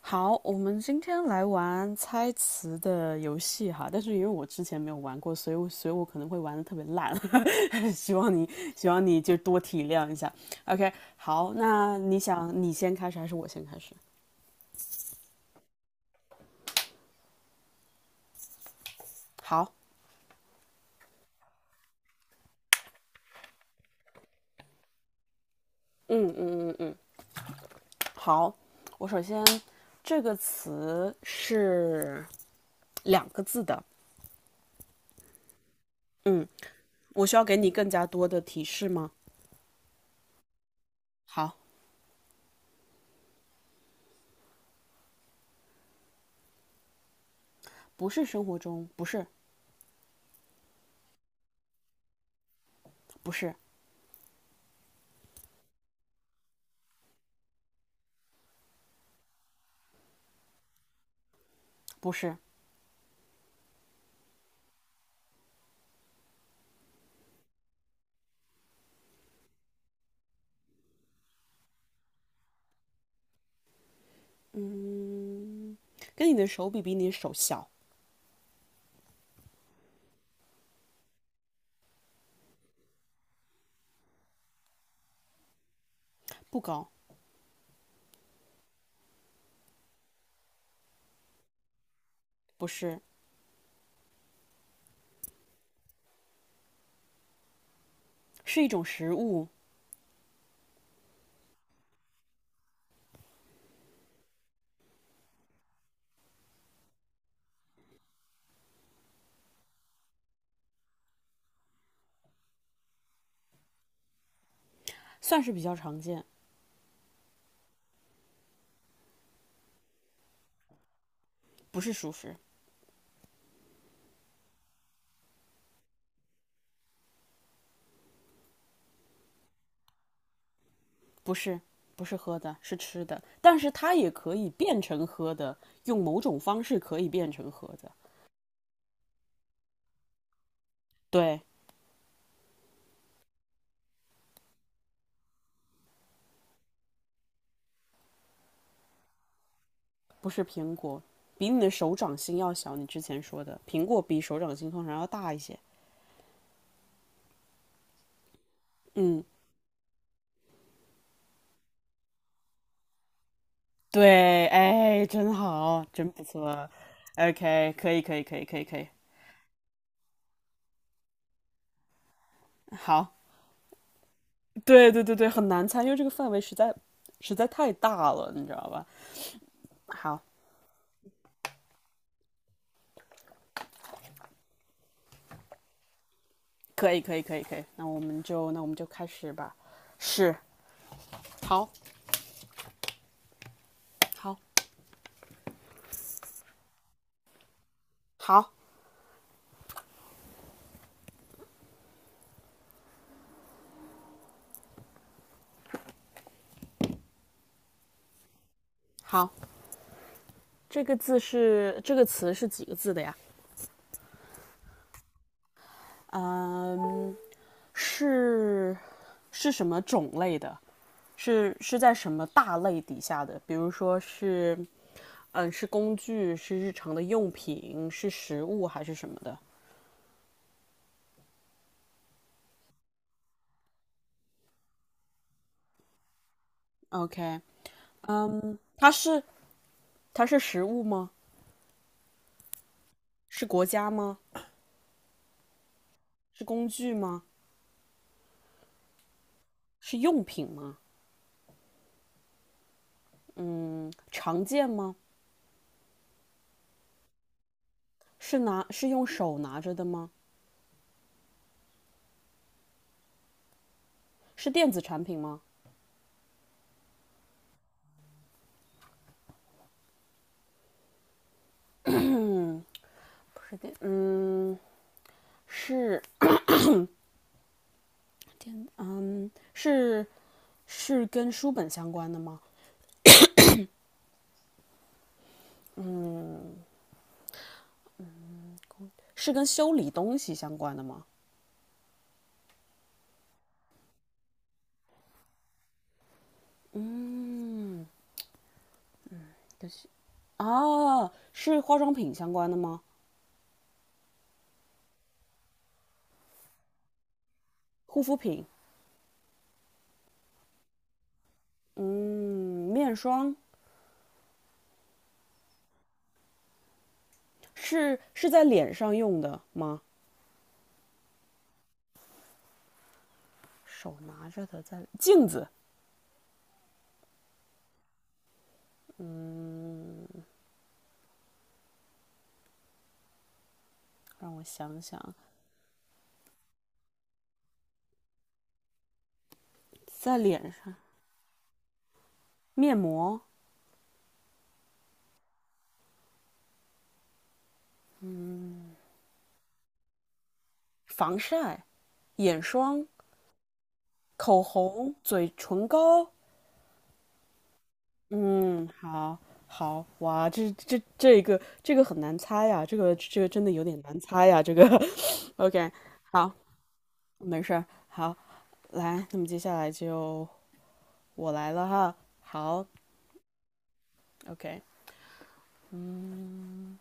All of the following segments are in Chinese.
好，我们今天来玩猜词的游戏哈，但是因为我之前没有玩过，所以我可能会玩的特别烂 希望你希望你就多体谅一下。OK，好，那你先开始还是我先开始？好，嗯嗯嗯嗯，好，我首先这个词是两个字的，嗯，我需要给你更加多的提示吗？好，不是生活中，不是，不是，不是，嗯，跟你的手比，比你的手小，不高，不是，是一种食物，算是比较常见，不是熟食，不是，不是喝的，是吃的，但是它也可以变成喝的，用某种方式可以变成喝的，对，不是苹果，比你的手掌心要小，你之前说的，苹果比手掌心通常要大一些，嗯，对，哎，真好，真不错，OK，可以，可以，可以，可以，可以，好，对对对对，很难猜，因为这个范围实在太大了，你知道吧？好，可以可以可以可以，那我们就开始吧。是，好，好，好，好，这个字是这个词是几个字的呀？嗯，是是什么种类的？是是在什么大类底下的？比如说是，嗯，是工具，是日常的用品，是食物还是什么的？OK，嗯，它是食物吗？是国家吗？是工具吗？是用品吗？嗯，常见吗？是用手拿着的吗？是电子产品吗？不是电，嗯，是是是跟书本相关的吗？是跟修理东西相关的吗？嗯，啊，是化妆品相关的吗？护肤品，嗯，面霜是在脸上用的吗？手拿着的在镜子，嗯，让我想想，在脸上，面膜、防晒、眼霜、口红、嘴唇膏。嗯，好，好，哇，这这个很难猜呀，这个这个真的有点难猜呀，这个。OK，好，没事儿，好，来，那么接下来就我来了哈。好，OK，嗯，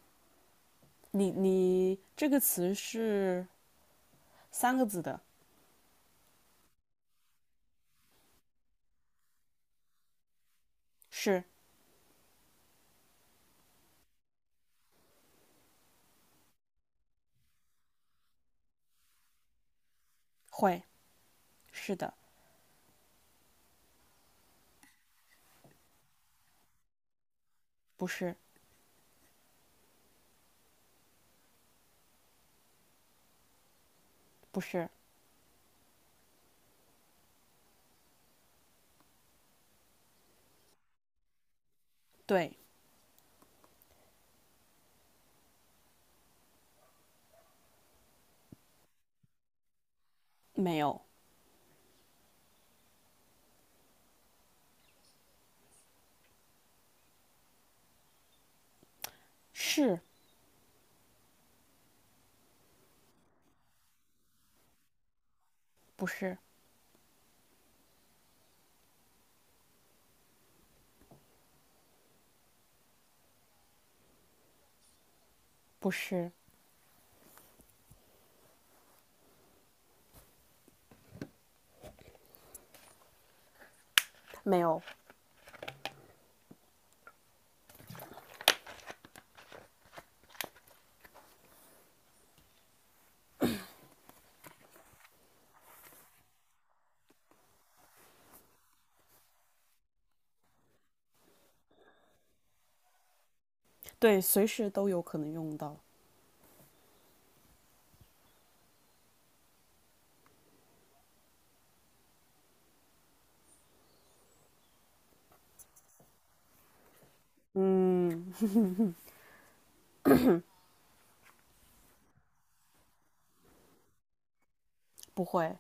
你这个词是三个字的，是会，是的。不是，不是，对，没有，是不是？不是，没有，对，随时都有可能用到。嗯，不会，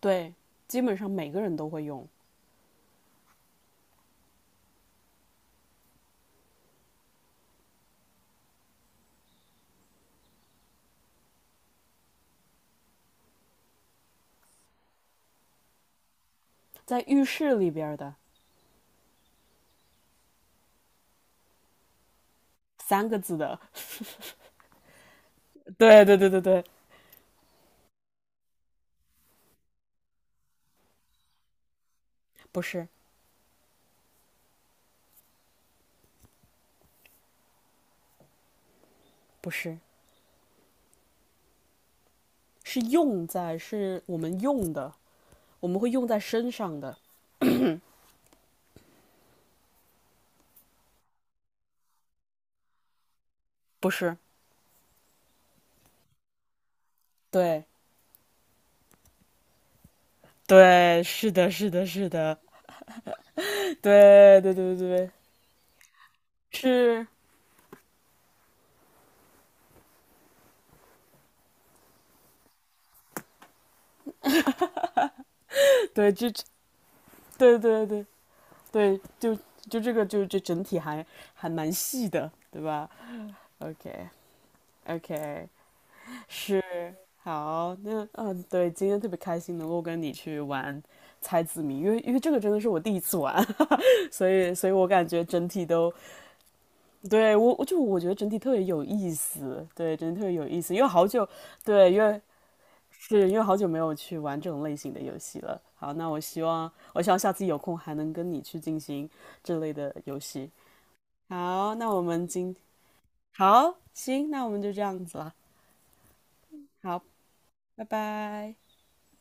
对，基本上每个人都会用，在浴室里边的三个字的，对对对对对，不是，不是，是用在，是我们用的，我们会用在身上的，不是，对对，是的，是的，是的，对对对对对，是，对，这，对对对，对，就这个这整体还蛮细的，对吧？OK OK，是好，那嗯，对，今天特别开心能够跟你去玩猜字谜，因为这个真的是我第一次玩，所以我感觉整体都我觉得整体特别有意思，对，整体特别有意思，因为好久对，因为好久没有去玩这种类型的游戏了。好，那我希望下次有空还能跟你去进行这类的游戏。好，那我们今好行，那我们就这样子了。好，拜拜。